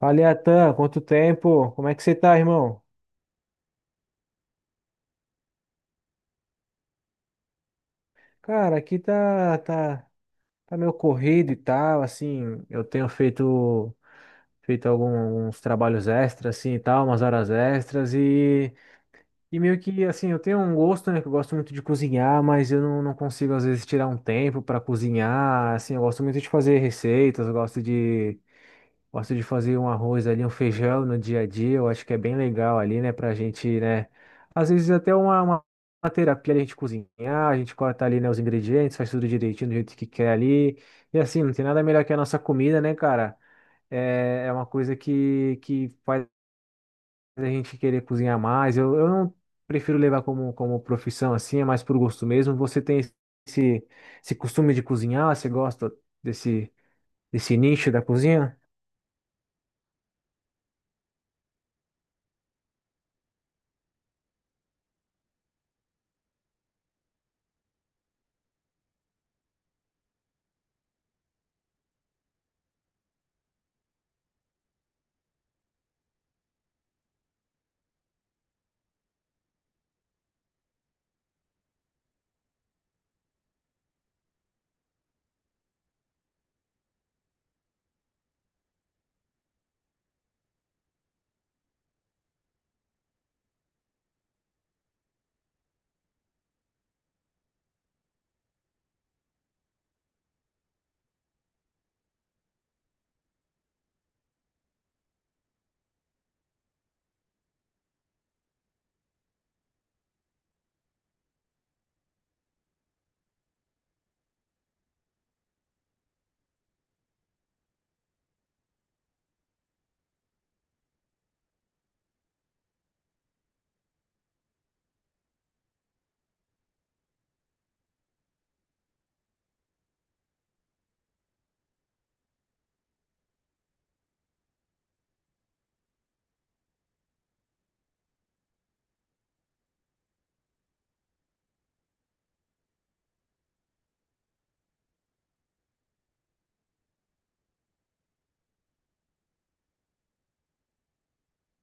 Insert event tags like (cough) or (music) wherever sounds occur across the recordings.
Fala, Atan, quanto tempo? Como é que você tá, irmão? Cara, aqui tá meio corrido e tal, assim, feito alguns trabalhos extras, assim, e tal, umas horas extras e meio que, assim, eu tenho um gosto, né, que eu gosto muito de cozinhar, mas eu não, não consigo, às vezes, tirar um tempo para cozinhar, assim, eu gosto muito de fazer receitas, eu gosto de fazer um arroz ali, um feijão no dia a dia. Eu acho que é bem legal ali, né? Pra gente, né? Às vezes até uma terapia ali, a gente cozinhar, a gente corta ali, né, os ingredientes, faz tudo direitinho do jeito que quer ali. E assim, não tem nada melhor que a nossa comida, né, cara? É uma coisa que faz a gente querer cozinhar mais. Eu não prefiro levar como profissão assim, é mais por gosto mesmo. Você tem esse, esse costume de cozinhar? Você gosta desse, desse nicho da cozinha?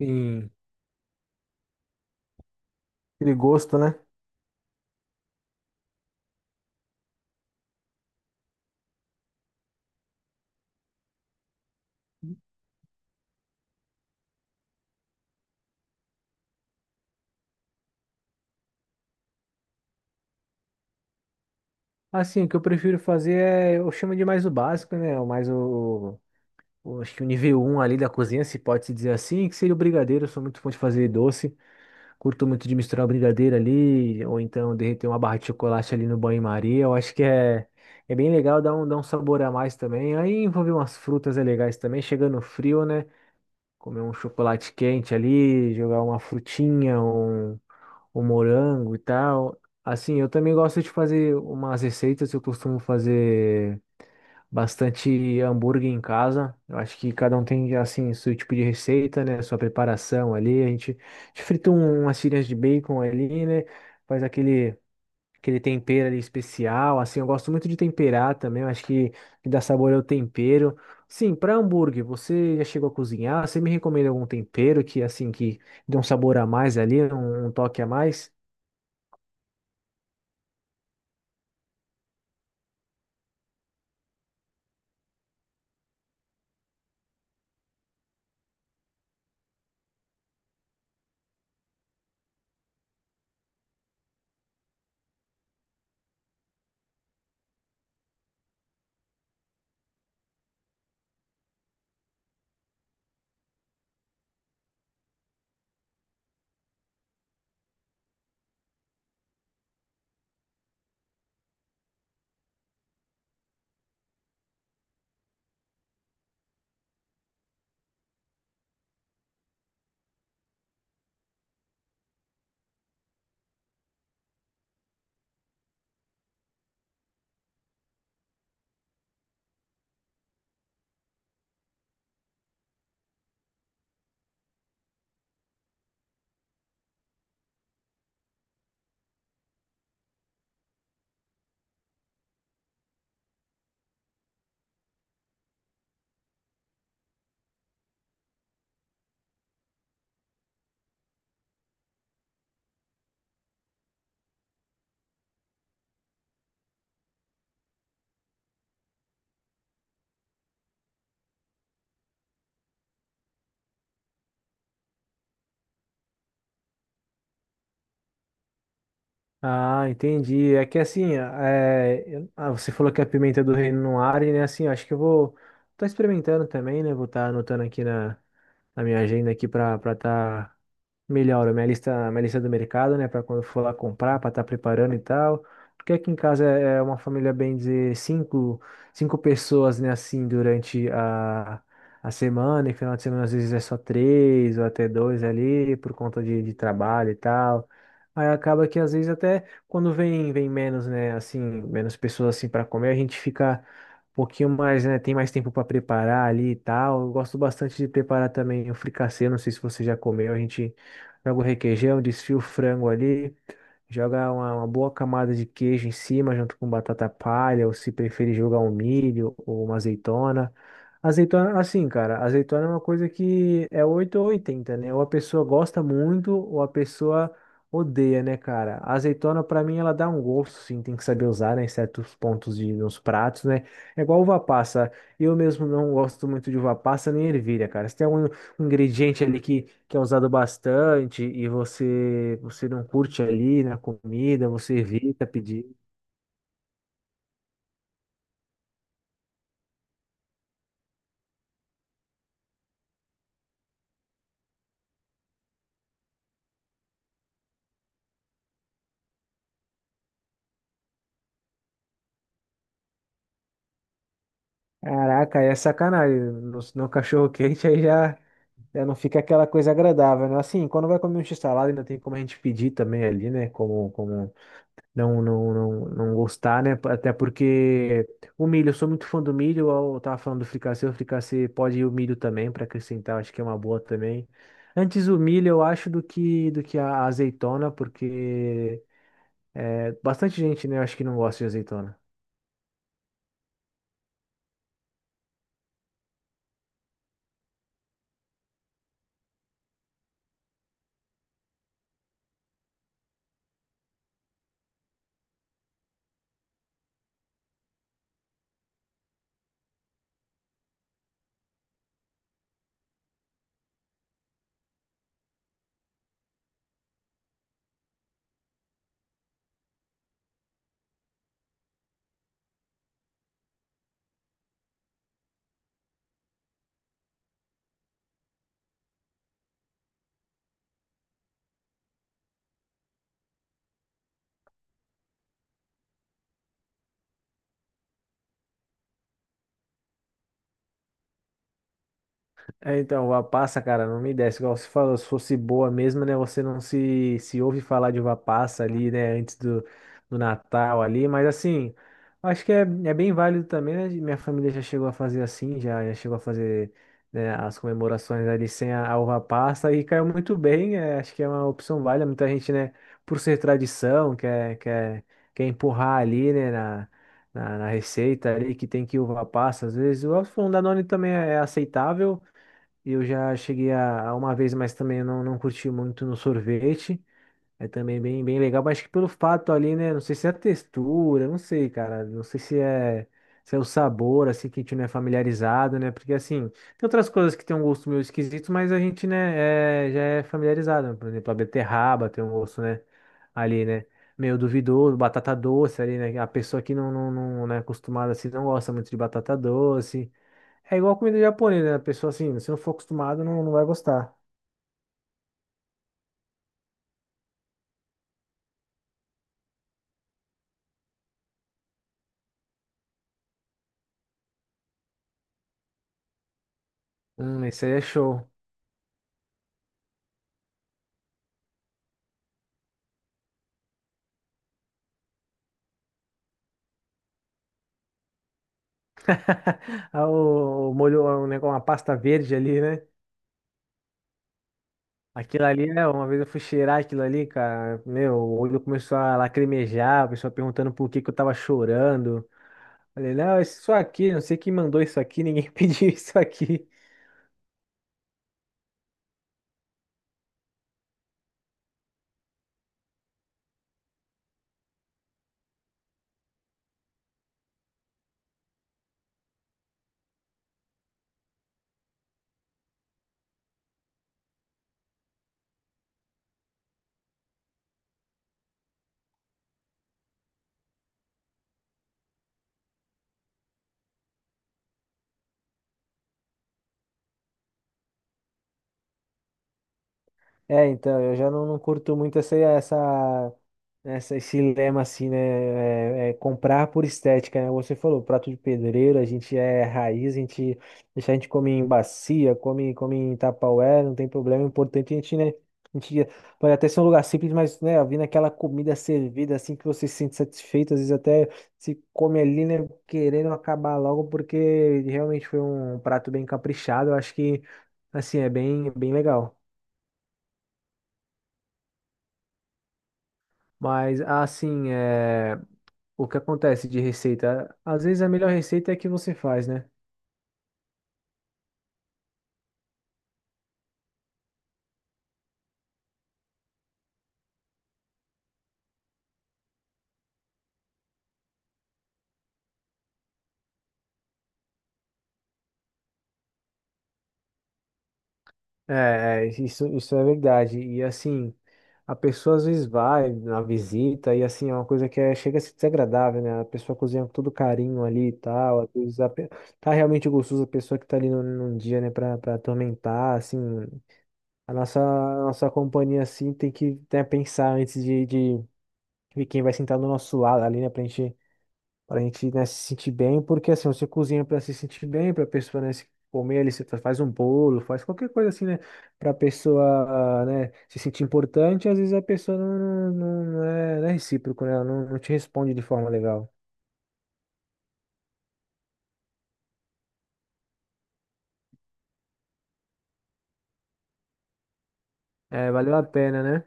E, aquele gosto, né? Assim, o que eu prefiro fazer é, eu chamo de mais o básico, né? O mais acho que o nível um ali da cozinha, se pode se dizer assim, que seria o brigadeiro. Eu sou muito fã de fazer doce, curto muito de misturar o brigadeiro ali, ou então derreter uma barra de chocolate ali no banho-maria. Eu acho que é bem legal, dá um sabor a mais também. Aí envolver umas frutas é legais também, chegando frio, né? Comer um chocolate quente ali, jogar uma frutinha, um, o morango e tal. Assim, eu também gosto de fazer umas receitas, eu costumo fazer bastante hambúrguer em casa. Eu acho que cada um tem, assim, seu tipo de receita, né? Sua preparação ali. A gente frita umas tirinhas de bacon ali, né? Faz aquele, aquele tempero ali especial. Assim, eu gosto muito de temperar também. Eu acho que dá sabor ao tempero. Sim, para hambúrguer, você já chegou a cozinhar? Você me recomenda algum tempero que, assim, que dê um sabor a mais ali, um toque a mais? Ah, entendi. É que assim, você falou que a pimenta do reino não arde, né? Assim, eu acho que eu vou tá experimentando também, né? Vou estar anotando aqui na minha agenda aqui para estar Melhoro minha lista do mercado, né? Para quando for lá comprar, para estar preparando e tal. Porque aqui em casa é uma família, bem dizer, cinco pessoas, né? Assim, durante a semana. E final de semana, às vezes, é só três ou até dois ali, por conta de trabalho e tal. Aí acaba que, às vezes, até quando vem menos, né? Assim, menos pessoas, assim, para comer, a gente fica um pouquinho mais, né? Tem mais tempo para preparar ali e tal. Eu gosto bastante de preparar também o fricassê. Não sei se você já comeu, a gente. Joga o requeijão, desfia o frango ali, joga uma boa camada de queijo em cima, junto com batata palha, ou se preferir jogar um milho ou uma azeitona. Azeitona, assim, cara, azeitona é uma coisa que é 8 ou 80, né? Ou a pessoa gosta muito, ou a pessoa odeia, né, cara? A azeitona, pra mim, ela dá um gosto, sim, tem que saber usar, né, em certos pontos de, nos pratos, né? É igual uva passa. Eu mesmo não gosto muito de uva passa nem ervilha, cara. Se tem algum ingrediente ali que é usado bastante e você não curte ali na comida, você evita pedir. Caraca, aí é sacanagem. No cachorro quente aí já não fica aquela coisa agradável, né? Assim, quando vai comer um x-salada ainda tem como a gente pedir também ali, né? Como não gostar, né? Até porque o milho, eu sou muito fã do milho, eu tava falando do fricassê, o fricassê pode ir o milho também para acrescentar, acho que é uma boa também. Antes o milho, eu acho, do que a azeitona, porque é, bastante gente, né? Eu acho que não gosta de azeitona. É, então, uva passa, cara, não me desce. Igual você falou, se fosse boa mesmo, né? Você não se ouve falar de uva passa ali, né? Antes do Natal ali. Mas assim, acho que é bem válido também, né? Minha família já chegou a fazer assim, já chegou a fazer, né, as comemorações ali sem a uva passa e caiu muito bem. É, acho que é uma opção válida. Muita gente, né, por ser tradição, quer empurrar ali, né? Na receita ali que tem que uva passa, às vezes. O se for um Danone também é aceitável, eu já cheguei a uma vez, mas também eu não, não curti muito no sorvete. É também bem legal, mas acho que pelo fato ali, né? Não sei se é a textura, não sei, cara. Não sei se se é o sabor, assim, que a gente não é familiarizado, né? Porque, assim, tem outras coisas que tem um gosto meio esquisito, mas a gente, né, já é familiarizado, né? Por exemplo, a beterraba tem um gosto, né? Ali, né? Meio duvidoso, batata doce ali, né? A pessoa que não é acostumada, assim, não gosta muito de batata doce. É igual comida japonesa, né? A pessoa, assim, se não for acostumado, não vai gostar. Esse aí é show. (laughs) Ah, o molho, um negócio, uma pasta verde ali, né? Aquilo ali, né? Uma vez eu fui cheirar aquilo ali, cara. Meu, o olho começou a lacrimejar, o pessoal perguntando por que que eu tava chorando. Falei, não, isso aqui, não sei quem mandou isso aqui, ninguém (laughs) pediu isso aqui. É, então, eu já não curto muito esse lema assim, né? É comprar por estética, né? Você falou, prato de pedreiro, a gente é raiz, a gente deixa a gente come em bacia, come em tupperware, não tem problema. O importante é a gente, né? A gente pode até ser um lugar simples, mas, né, vindo aquela comida servida assim que você se sente satisfeito, às vezes até se come ali, né? Querendo acabar logo, porque realmente foi um prato bem caprichado. Eu acho que, assim, bem legal. Mas assim, é... o que acontece de receita? Às vezes a melhor receita é a que você faz, né? Isso, isso é verdade. E assim, a pessoa às vezes vai na visita e assim, é uma coisa chega a ser desagradável, né? A pessoa cozinha com todo carinho ali e tal. Às vezes a pe- Tá realmente gostoso, a pessoa que tá ali no, num dia, né, pra atormentar, assim. A nossa companhia, assim, tem que, né, pensar antes de ver quem vai sentar do nosso lado ali, né? Pra gente Para a gente, né, se sentir bem, porque assim, você cozinha para se sentir bem, para a pessoa, né, se comer ali, você faz um bolo, faz qualquer coisa assim, né, para a pessoa, né, se sentir importante, às vezes a pessoa não é, não é recíproco, né, ela não te responde de forma legal. É, valeu a pena, né?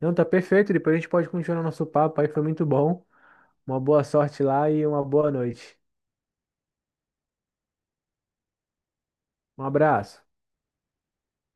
Não, tá perfeito, depois a gente pode continuar nosso papo aí, foi muito bom. Uma boa sorte lá e uma boa noite. Um abraço.